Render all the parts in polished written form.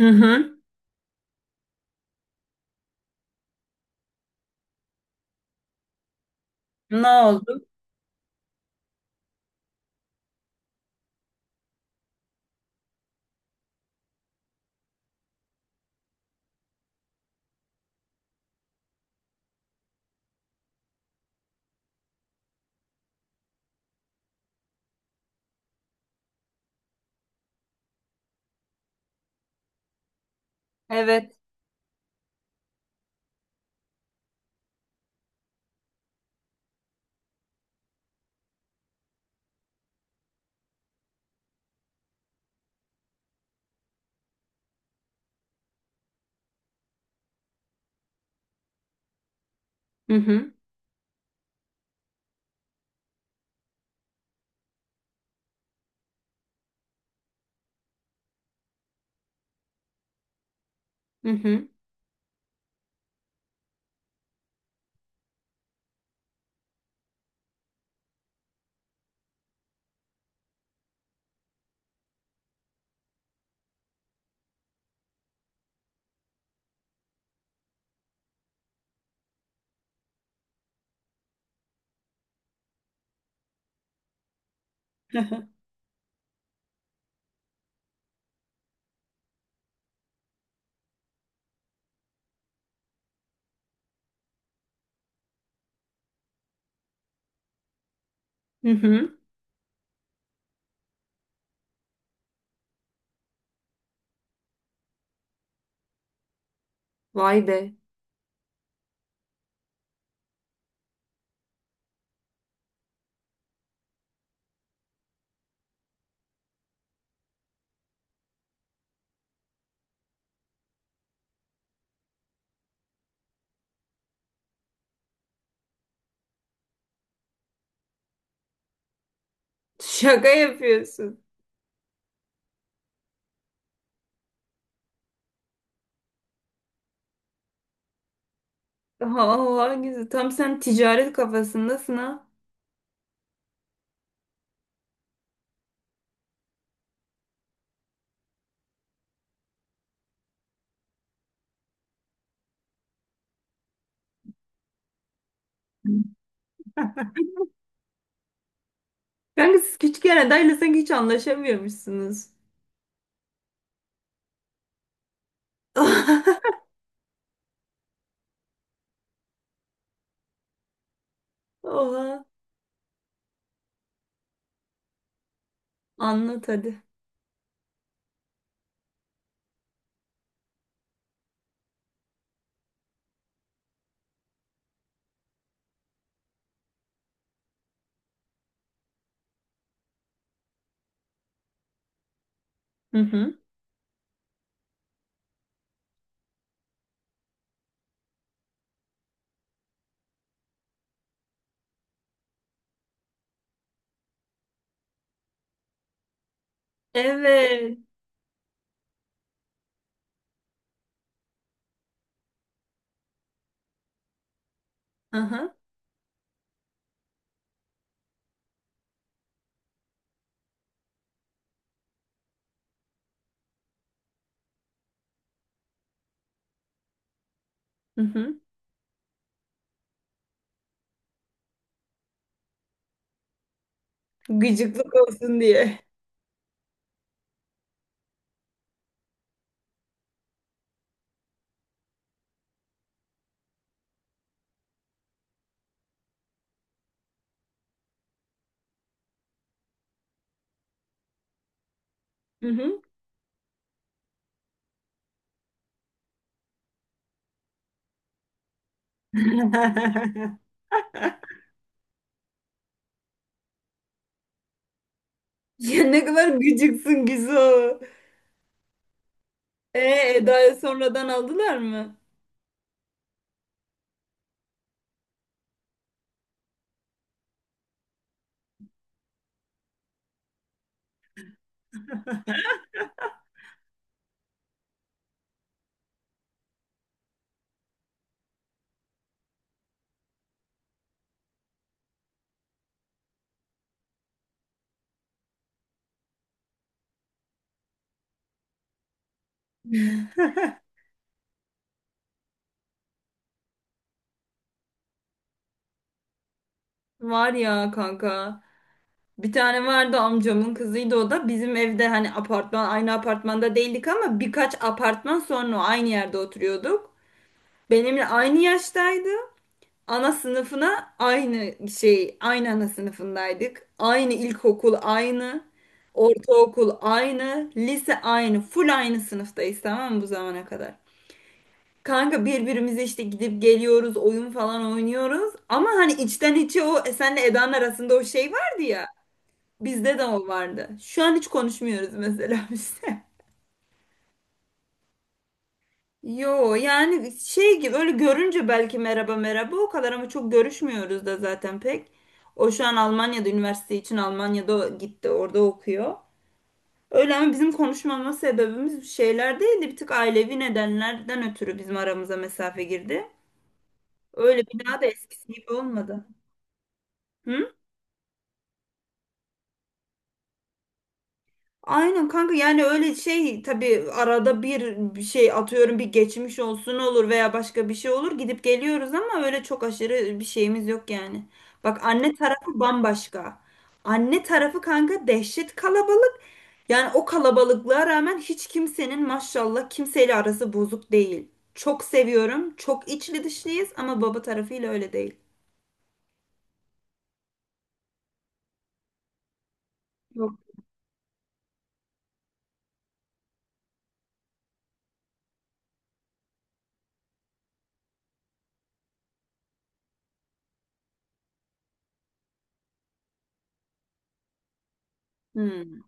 Hı hı. Ne oldu? Evet. Hı hı. Hı hı. Hı hı. Vay be. Şaka yapıyorsun. Allah güzel. Tam sen ticaret kafasındasın ha. Kanka siz küçükken adayla sanki hiç anlaşamıyormuşsunuz. Oha. Anlat hadi. Hı hı. Evet. Aha. Hı hı. Gıcıklık olsun diye. Hı hı. Ya ne kadar gıcıksın Gizo. E, Eda'ya sonradan aldılar mı? Var ya kanka. Bir tane vardı, amcamın kızıydı o da. Bizim evde hani apartman, aynı apartmanda değildik ama birkaç apartman sonra aynı yerde oturuyorduk. Benimle aynı yaştaydı. Ana sınıfına aynı şey, aynı ana sınıfındaydık. Aynı ilkokul aynı, ortaokul aynı, lise aynı, full aynı sınıftayız, tamam mı, bu zamana kadar? Kanka birbirimize işte gidip geliyoruz, oyun falan oynuyoruz. Ama hani içten içe o e, senle Eda'nın arasında o şey vardı ya. Bizde de o vardı. Şu an hiç konuşmuyoruz mesela bizde. Yo, yani şey gibi, öyle görünce belki merhaba merhaba o kadar, ama çok görüşmüyoruz da zaten pek. O şu an Almanya'da, üniversite için Almanya'da gitti, orada okuyor. Öyle, ama bizim konuşmama sebebimiz şeyler değildi. Bir tık ailevi nedenlerden ötürü bizim aramıza mesafe girdi. Öyle, bir daha da eskisi gibi olmadı. Hı? Aynen kanka, yani öyle şey, tabii arada bir şey atıyorum, bir geçmiş olsun olur veya başka bir şey olur, gidip geliyoruz, ama öyle çok aşırı bir şeyimiz yok yani. Bak, anne tarafı bambaşka. Anne tarafı kanka dehşet kalabalık. Yani o kalabalıklığa rağmen hiç kimsenin maşallah kimseyle arası bozuk değil. Çok seviyorum. Çok içli dışlıyız, ama baba tarafıyla öyle değil. Yok. Hmm.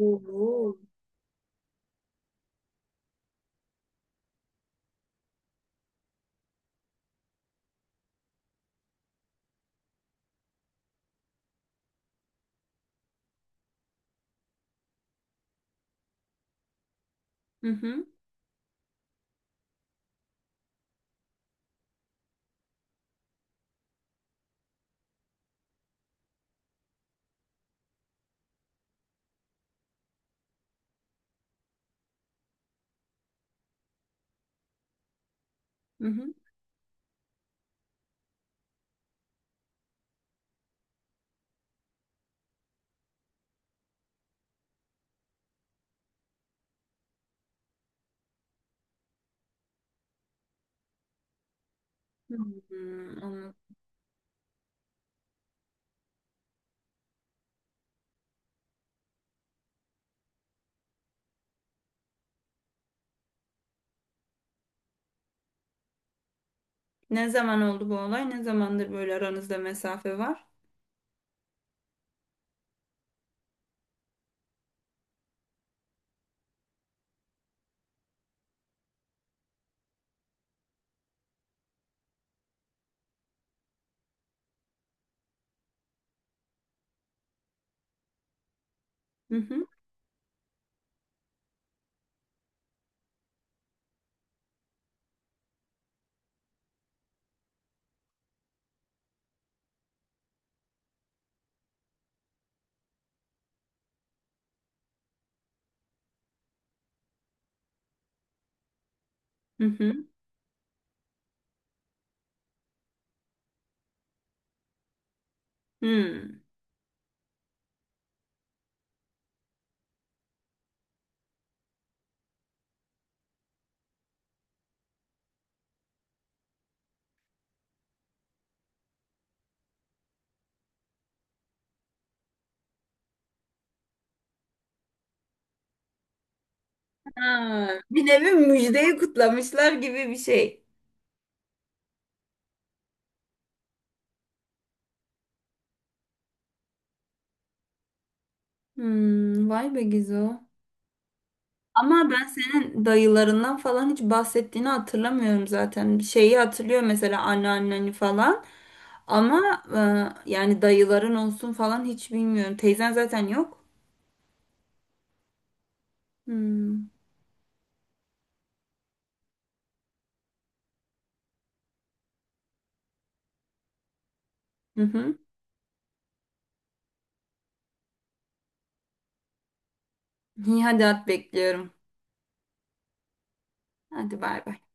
Oo. Hı hı. Hı hı. Hmm, anladım. Ne zaman oldu bu olay? Ne zamandır böyle aranızda mesafe var? Hı hı. Hı hı. Hmm. Ha, bir nevi müjdeyi kutlamışlar gibi bir şey. Hmm, vay be Gizo. Ama ben senin dayılarından falan hiç bahsettiğini hatırlamıyorum zaten. Şeyi hatırlıyor mesela, anneanneni falan. Ama e, yani dayıların olsun falan hiç bilmiyorum. Teyzen zaten yok. Hmm. Hı hı. İyi hadi, at bekliyorum. Hadi bay bay.